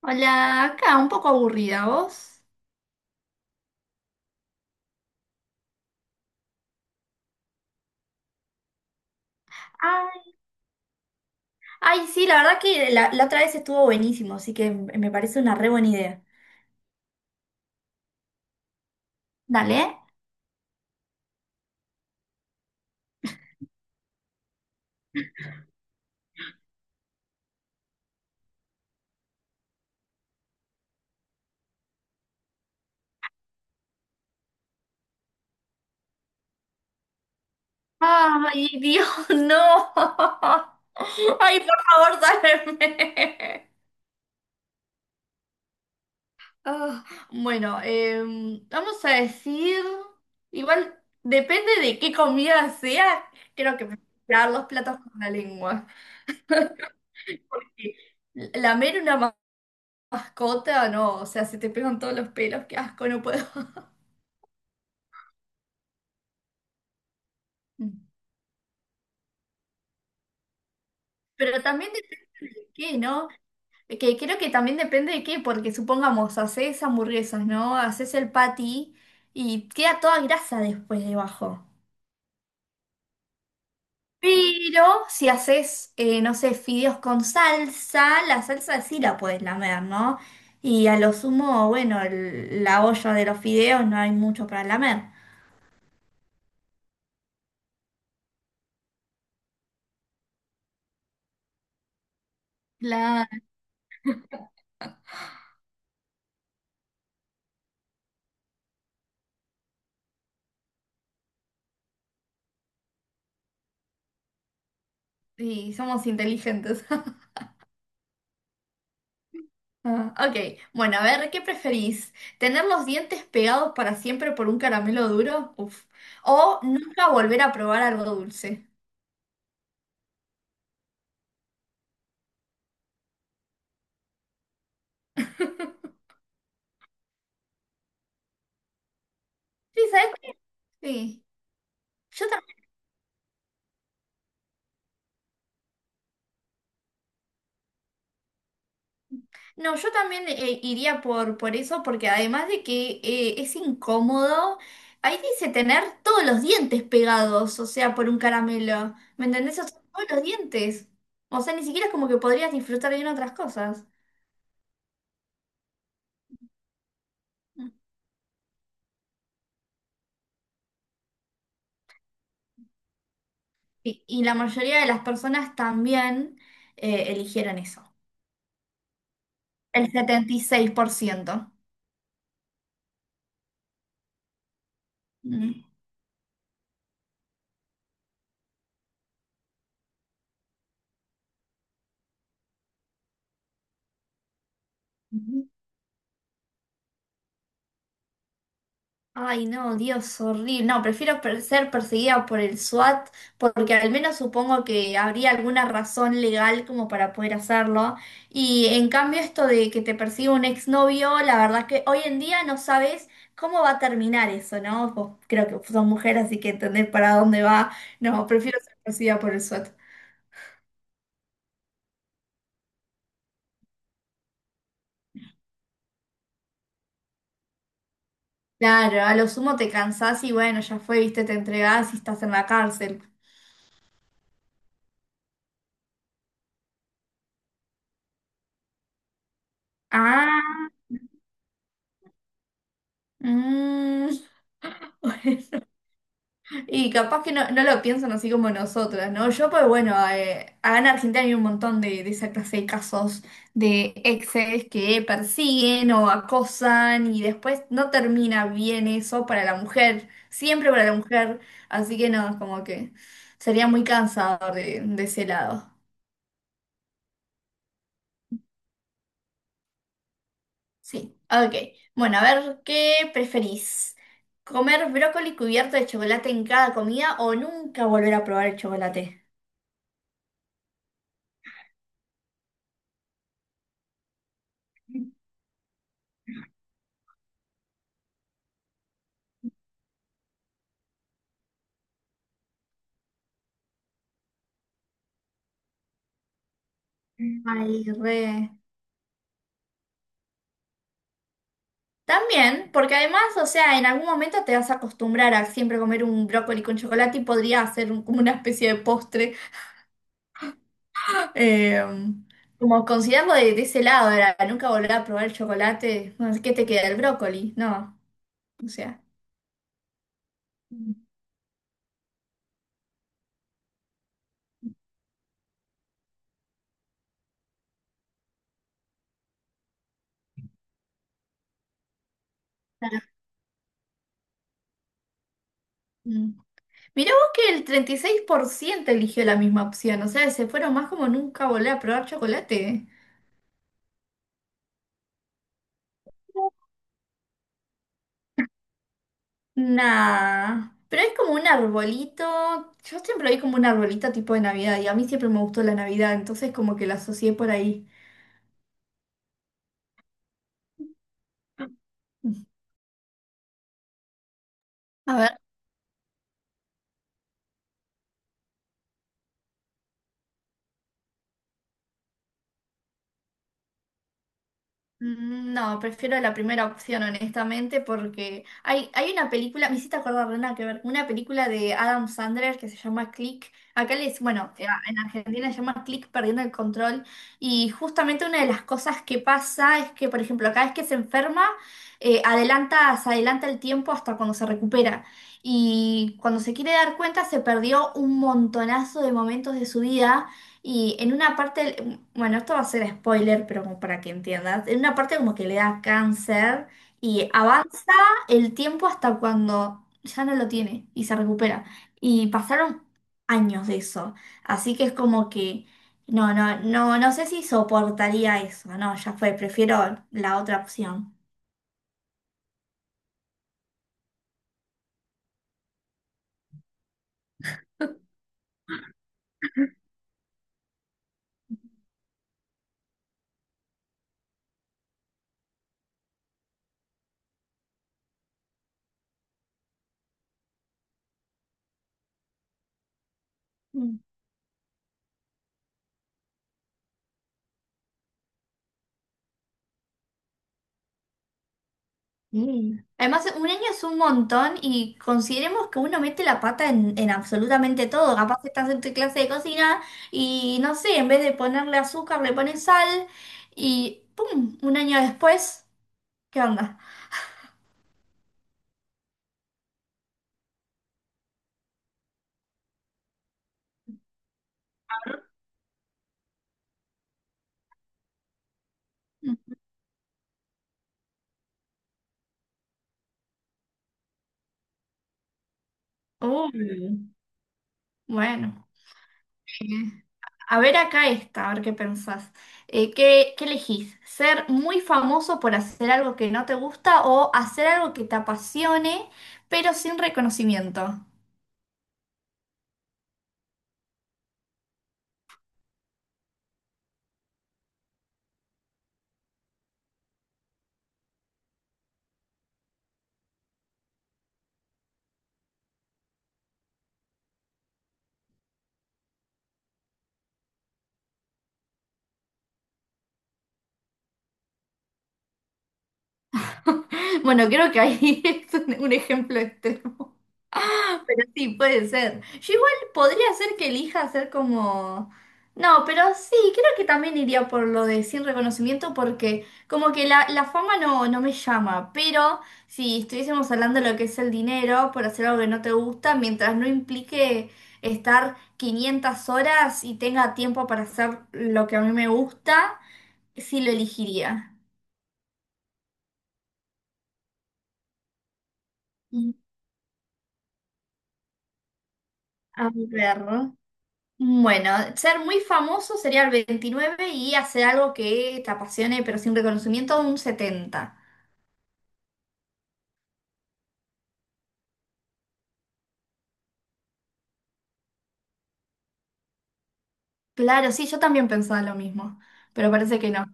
Hola, acá un poco aburrida, ¿vos? Ay, Ay, sí, la verdad que la otra vez estuvo buenísimo, así que me parece una re buena idea. Dale. Ay, Dios, no. Ay, por favor, sálveme. Ah, bueno, vamos a decir, igual depende de qué comida sea, creo que me voy a tirar los platos con la lengua. Eh, Lamer una mascota, no, o sea, se te pegan todos los pelos, qué asco, no puedo. Pero también depende de qué, ¿no? Que creo que también depende de qué, porque supongamos, haces hamburguesas, ¿no? Haces el patty y queda toda grasa después debajo. Pero si haces, no sé, fideos con salsa, la salsa sí la puedes lamer, ¿no? Y a lo sumo, bueno, la olla de los fideos no hay mucho para lamer. Claro. Y somos inteligentes. Ah, ok, bueno, a ver, ¿qué preferís? ¿Tener los dientes pegados para siempre por un caramelo duro? Uf. ¿O nunca volver a probar algo dulce? Sí, ¿sabes qué? Sí. Yo tam- no, yo también iría por eso, porque además de que es incómodo, ahí dice tener todos los dientes pegados, o sea, por un caramelo. ¿Me entendés? O sea, todos los dientes. O sea, ni siquiera es como que podrías disfrutar bien otras cosas. Y la mayoría de las personas también eligieron eso. El 76%. Mm. Ujú. Ay, no, Dios, horrible. No, prefiero ser perseguida por el SWAT porque al menos supongo que habría alguna razón legal como para poder hacerlo. Y en cambio esto de que te persiga un exnovio, la verdad que hoy en día no sabes cómo va a terminar eso, ¿no? Vos creo que son mujeres, así que entendés para dónde va. No, prefiero ser perseguida por el SWAT. Claro, a lo sumo te cansás y bueno, ya fue, viste, te entregás y estás en la cárcel. Ah, mm, bueno. Y capaz que no, no lo piensan así como nosotras, ¿no? Yo, pues bueno, acá en Argentina hay un montón de esa clase de casos de exes que persiguen o acosan y después no termina bien eso para la mujer, siempre para la mujer, así que no, como que sería muy cansador de ese lado. Sí, ok. Bueno, a ver, ¿qué preferís? ¿Comer brócoli cubierto de chocolate en cada comida o nunca volver a probar el chocolate? Ay, re. También, porque además, o sea, en algún momento te vas a acostumbrar a siempre comer un brócoli con chocolate y podría hacer como una especie de postre. Eh, como considerarlo de ese lado, era nunca volver a probar el chocolate. Bueno, ¿qué te queda? ¿El brócoli? No, o sea. Mm. Mm. Mirá vos que el 36% eligió la misma opción, o sea, se fueron más como nunca volver a probar chocolate. Nah, pero es como un arbolito, yo siempre lo vi como un arbolito tipo de Navidad y a mí siempre me gustó la Navidad, entonces como que la asocié por ahí. A ver. No, prefiero la primera opción, honestamente, porque hay una película, me hiciste acordar, de una que ver, una película de Adam Sandler que se llama Click. Acá les, bueno, en Argentina se llama Click perdiendo el control. Y justamente una de las cosas que pasa es que, por ejemplo, cada vez que se enferma, se adelanta el tiempo hasta cuando se recupera. Y cuando se quiere dar cuenta, se perdió un montonazo de momentos de su vida y en una parte, bueno, esto va a ser spoiler, pero como para que entiendas, en una parte como que le da cáncer y avanza el tiempo hasta cuando ya no lo tiene y se recupera. Y pasaron años de eso, así que es como que, no, no, no, no sé si soportaría eso, no, ya fue, prefiero la otra opción. Mm. Además, un año es un montón y consideremos que uno mete la pata en absolutamente todo. Capaz estás en tu clase de cocina y no sé, en vez de ponerle azúcar, le pones sal y ¡pum! Un año después, ¿qué onda? Mm. Uy, bueno. Eh, a ver acá esta, a ver qué pensás. ¿ qué elegís? ¿Ser muy famoso por hacer algo que no te gusta o hacer algo que te apasione pero sin reconocimiento? Bueno, creo que ahí es un ejemplo extremo, pero sí, puede ser. Yo igual podría ser que elija hacer como... No, pero sí, creo que también iría por lo de sin reconocimiento porque como que la fama no, no me llama, pero si estuviésemos hablando de lo que es el dinero por hacer algo que no te gusta, mientras no implique estar 500 horas y tenga tiempo para hacer lo que a mí me gusta, sí lo elegiría. Mm. A ver. Bueno, ser muy famoso sería el 29 y hacer algo que te apasione, pero sin reconocimiento, un 70. Claro, sí, yo también pensaba lo mismo, pero parece que no.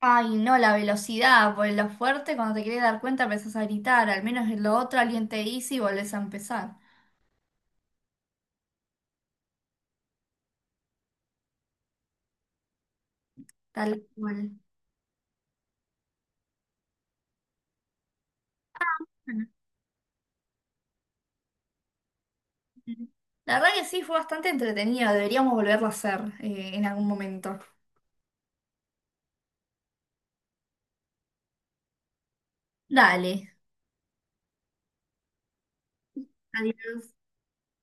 Ay, no, la velocidad, pues lo fuerte, cuando te querés dar cuenta empezás a gritar, al menos en lo otro alguien te dice y volvés a empezar. Tal cual. Ujú. La verdad que sí, fue bastante entretenido, deberíamos volverlo a hacer en algún momento. Dale. Adiós.